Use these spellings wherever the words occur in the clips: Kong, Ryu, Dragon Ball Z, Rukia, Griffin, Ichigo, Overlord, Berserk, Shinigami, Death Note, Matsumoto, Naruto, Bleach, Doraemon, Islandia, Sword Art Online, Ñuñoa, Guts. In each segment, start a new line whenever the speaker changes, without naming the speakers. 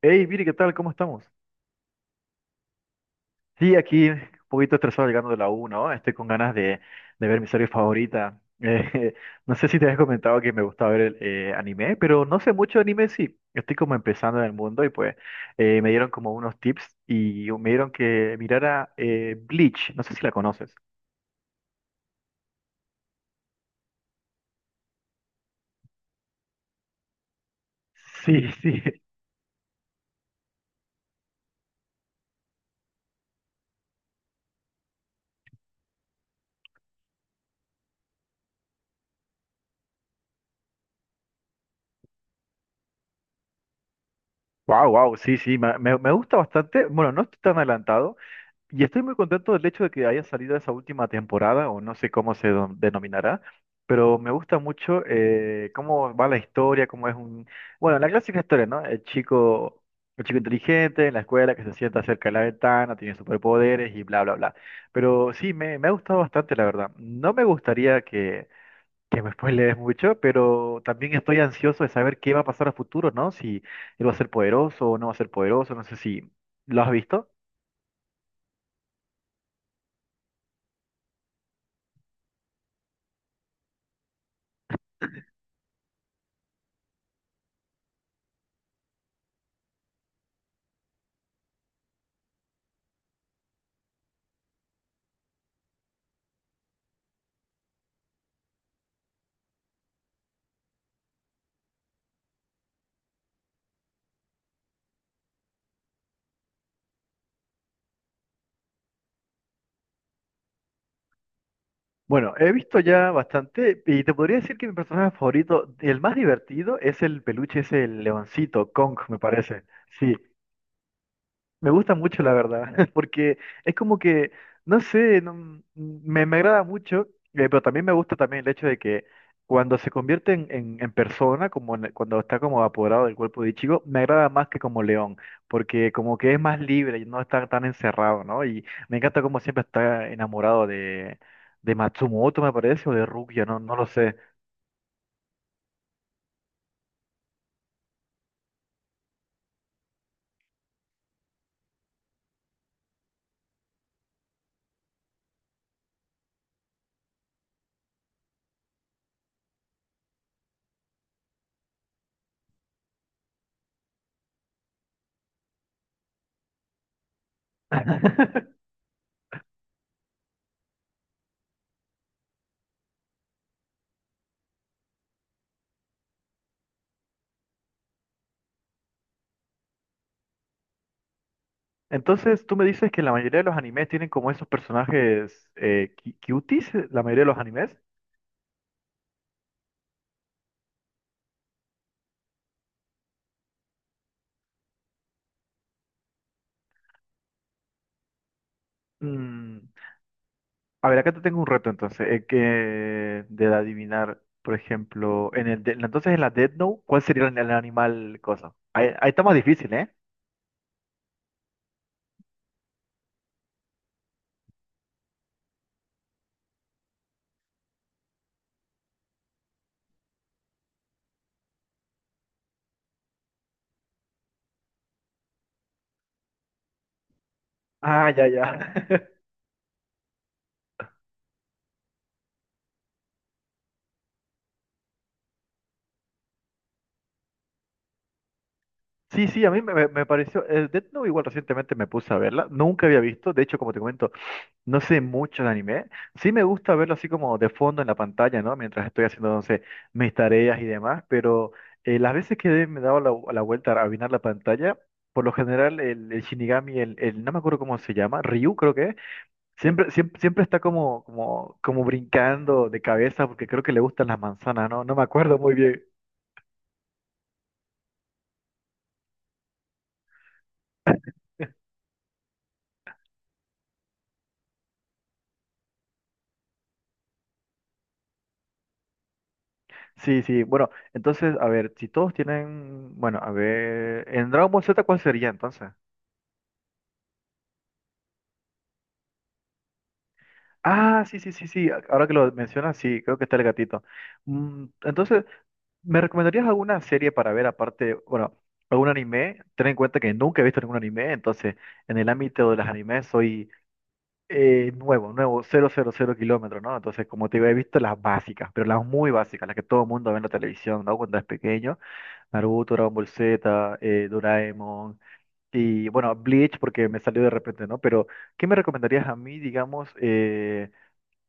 Hey, Viri, ¿qué tal? ¿Cómo estamos? Sí, aquí un poquito estresado llegando de la U, ¿no? Estoy con ganas de ver mi serie favorita. No sé si te habías comentado que me gusta ver el, anime, pero no sé mucho de anime, sí. Estoy como empezando en el mundo y pues me dieron como unos tips y me dieron que mirara Bleach. No sé si la conoces. Sí, sí. Wow, wow, sí, sí, me gusta bastante. Bueno, no estoy tan adelantado, y estoy muy contento del hecho de que haya salido esa última temporada, o no sé cómo se denominará, pero me gusta mucho cómo va la historia, cómo es un... Bueno, la clásica historia, ¿no? El chico inteligente en la escuela que se sienta cerca de la ventana, tiene superpoderes y bla, bla, bla. Pero sí, me ha gustado bastante, la verdad. No me gustaría que me spoilees mucho, pero también estoy ansioso de saber qué va a pasar a futuro, ¿no? Si él va a ser poderoso o no va a ser poderoso, no sé si... ¿Lo has visto? Bueno, he visto ya bastante y te podría decir que mi personaje favorito, el más divertido, es el peluche, es el leoncito, Kong, me parece. Sí, me gusta mucho, la verdad, porque es como que, no sé, me agrada mucho, pero también me gusta también el hecho de que cuando se convierte en, en persona, como cuando está como apoderado del cuerpo de Ichigo, me agrada más que como león, porque como que es más libre y no está tan encerrado, ¿no? Y me encanta como siempre está enamorado de Matsumoto, me parece, o de Rukia, no, no lo sé. Entonces, tú me dices que la mayoría de los animes tienen como esos personajes cuties, la mayoría de los animes. Mm, a ver, acá te tengo un reto entonces, que de adivinar, por ejemplo, en el entonces en la Death Note, ¿cuál sería el animal cosa? Ahí, ahí está más difícil, ¿eh? Ah, ya, ya. Sí, sí, a mí me pareció, el Death Note igual recientemente me puse a verla, nunca había visto, de hecho, como te comento, no sé mucho de anime. Sí me gusta verlo así como de fondo en la pantalla, ¿no? Mientras estoy haciendo, no sé, mis tareas y demás, pero las veces que me he dado la, la vuelta a mirar la pantalla, por lo general el Shinigami, el, no me acuerdo cómo se llama, Ryu creo que es, siempre, siempre, siempre está como, como, como brincando de cabeza porque creo que le gustan las manzanas, ¿no? No me acuerdo muy bien. Sí, sí, bueno, entonces, a ver, si todos tienen, bueno, a ver, en Dragon Ball Z, ¿cuál sería entonces? Ah, sí, sí, sí, sí. Ahora que lo mencionas, sí, creo que está el gatito. Mm, entonces, ¿me recomendarías alguna serie para ver aparte, bueno, algún anime? Ten en cuenta que nunca he visto ningún anime, entonces en el ámbito de los animes soy nuevo, nuevo, cero cero cero kilómetros, ¿no? Entonces, como te digo, he visto las básicas, pero las muy básicas, las que todo el mundo ve en la televisión, ¿no? Cuando es pequeño. Naruto, Dragon Ball Z, Doraemon. Y bueno, Bleach porque me salió de repente, ¿no? Pero, ¿qué me recomendarías a mí, digamos?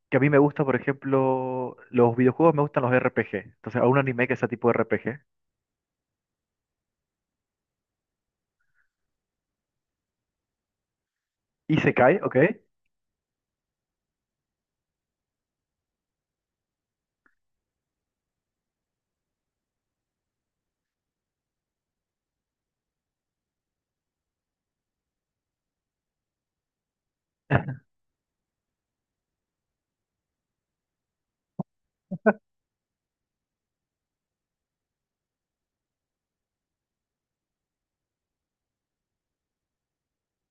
Que a mí me gusta, por ejemplo, los videojuegos, me gustan los RPG. Entonces, a un anime que sea tipo RPG. Y se cae, ¿ok?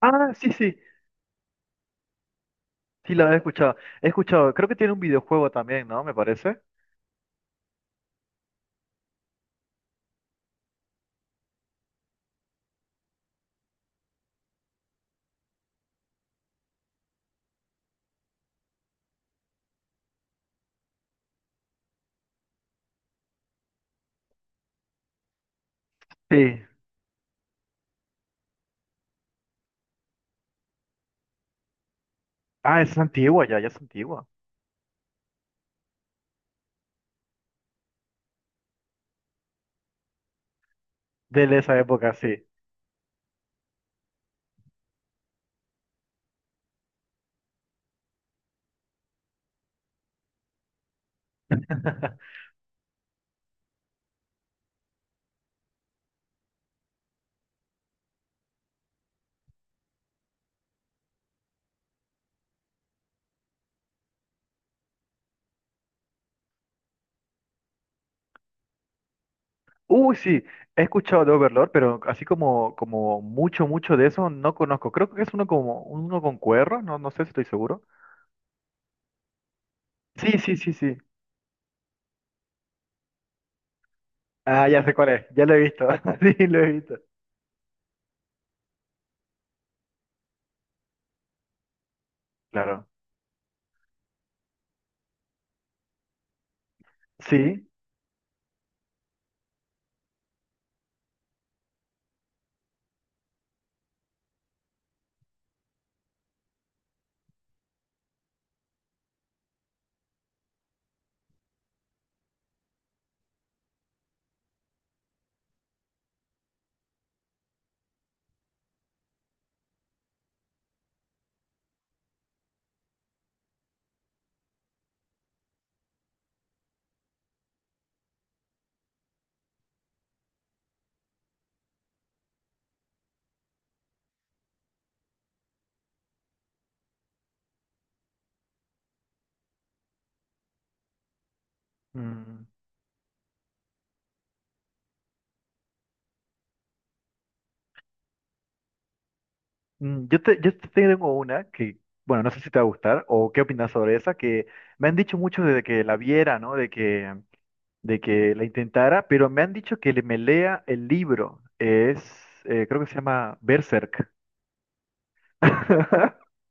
Ah, sí, sí. Sí, la he escuchado. He escuchado. Creo que tiene un videojuego también, ¿no? Me parece. Sí. Ah, es antigua ya, ya es antigua. De esa época, sí. Uy, sí, he escuchado de Overlord, pero así como, como mucho, mucho de eso no conozco. Creo que es uno como uno con cuernos, no, no sé si estoy seguro. Sí, sí, sí, sí. Ah, ya sé cuál es, ya lo he visto. Sí, lo he visto. Claro. Sí. Mm, mm, yo te tengo una que, bueno, no sé si te va a gustar o qué opinas sobre esa, que me han dicho mucho desde que la viera, ¿no? De que la intentara, pero me han dicho que me lea el libro. Es, creo que se llama Berserk.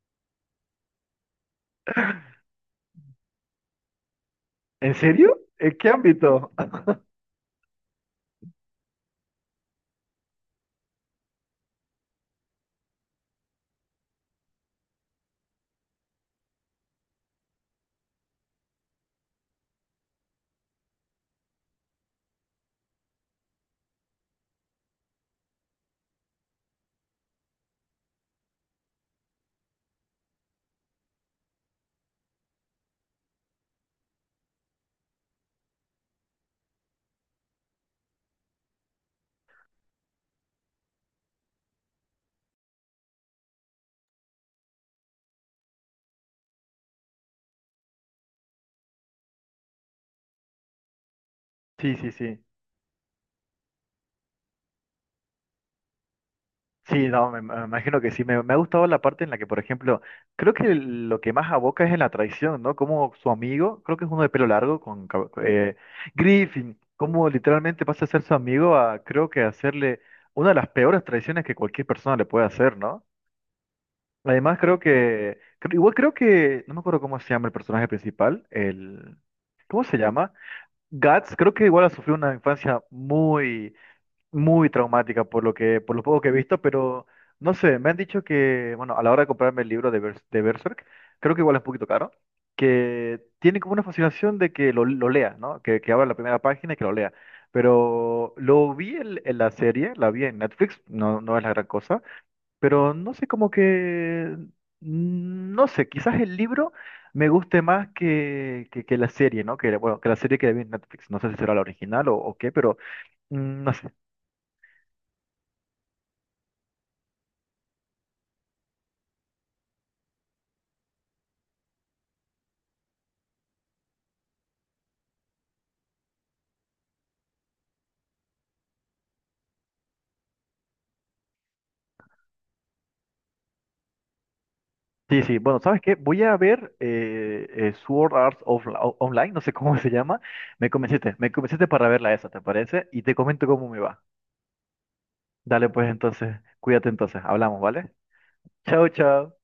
¿En serio? ¿En qué ámbito? Sí, sí, sí. Sí, no, me imagino que sí. Me ha gustado la parte en la que, por ejemplo, creo que lo que más aboca es en la traición, ¿no? Como su amigo, creo que es uno de pelo largo, con Griffin, como literalmente pasa a ser su amigo a, creo que hacerle una de las peores traiciones que cualquier persona le puede hacer, ¿no? Además, creo que, igual creo que, no me acuerdo cómo se llama el personaje principal, el, ¿cómo se llama? Guts, creo que igual ha sufrido una infancia muy muy traumática por lo que, por lo poco que he visto, pero no sé, me han dicho que, bueno, a la hora de comprarme el libro de, de Berserk, creo que igual es un poquito caro, que tiene como una fascinación de que lo lea, ¿no? Que abra la primera página y que lo lea. Pero lo vi en la serie, la vi en Netflix, no, no es la gran cosa, pero no sé, como que, mm, no sé, quizás el libro me guste más que la serie, ¿no? Que, bueno, que la serie que vi en Netflix, no sé si será la original o qué, pero... Mm, no sé, sí, sí, bueno, ¿sabes qué? Voy a ver Sword Art Online, no sé cómo se llama. Me convenciste para verla esa, ¿te parece? Y te comento cómo me va. Dale, pues entonces, cuídate entonces, hablamos, ¿vale? Chao, chao.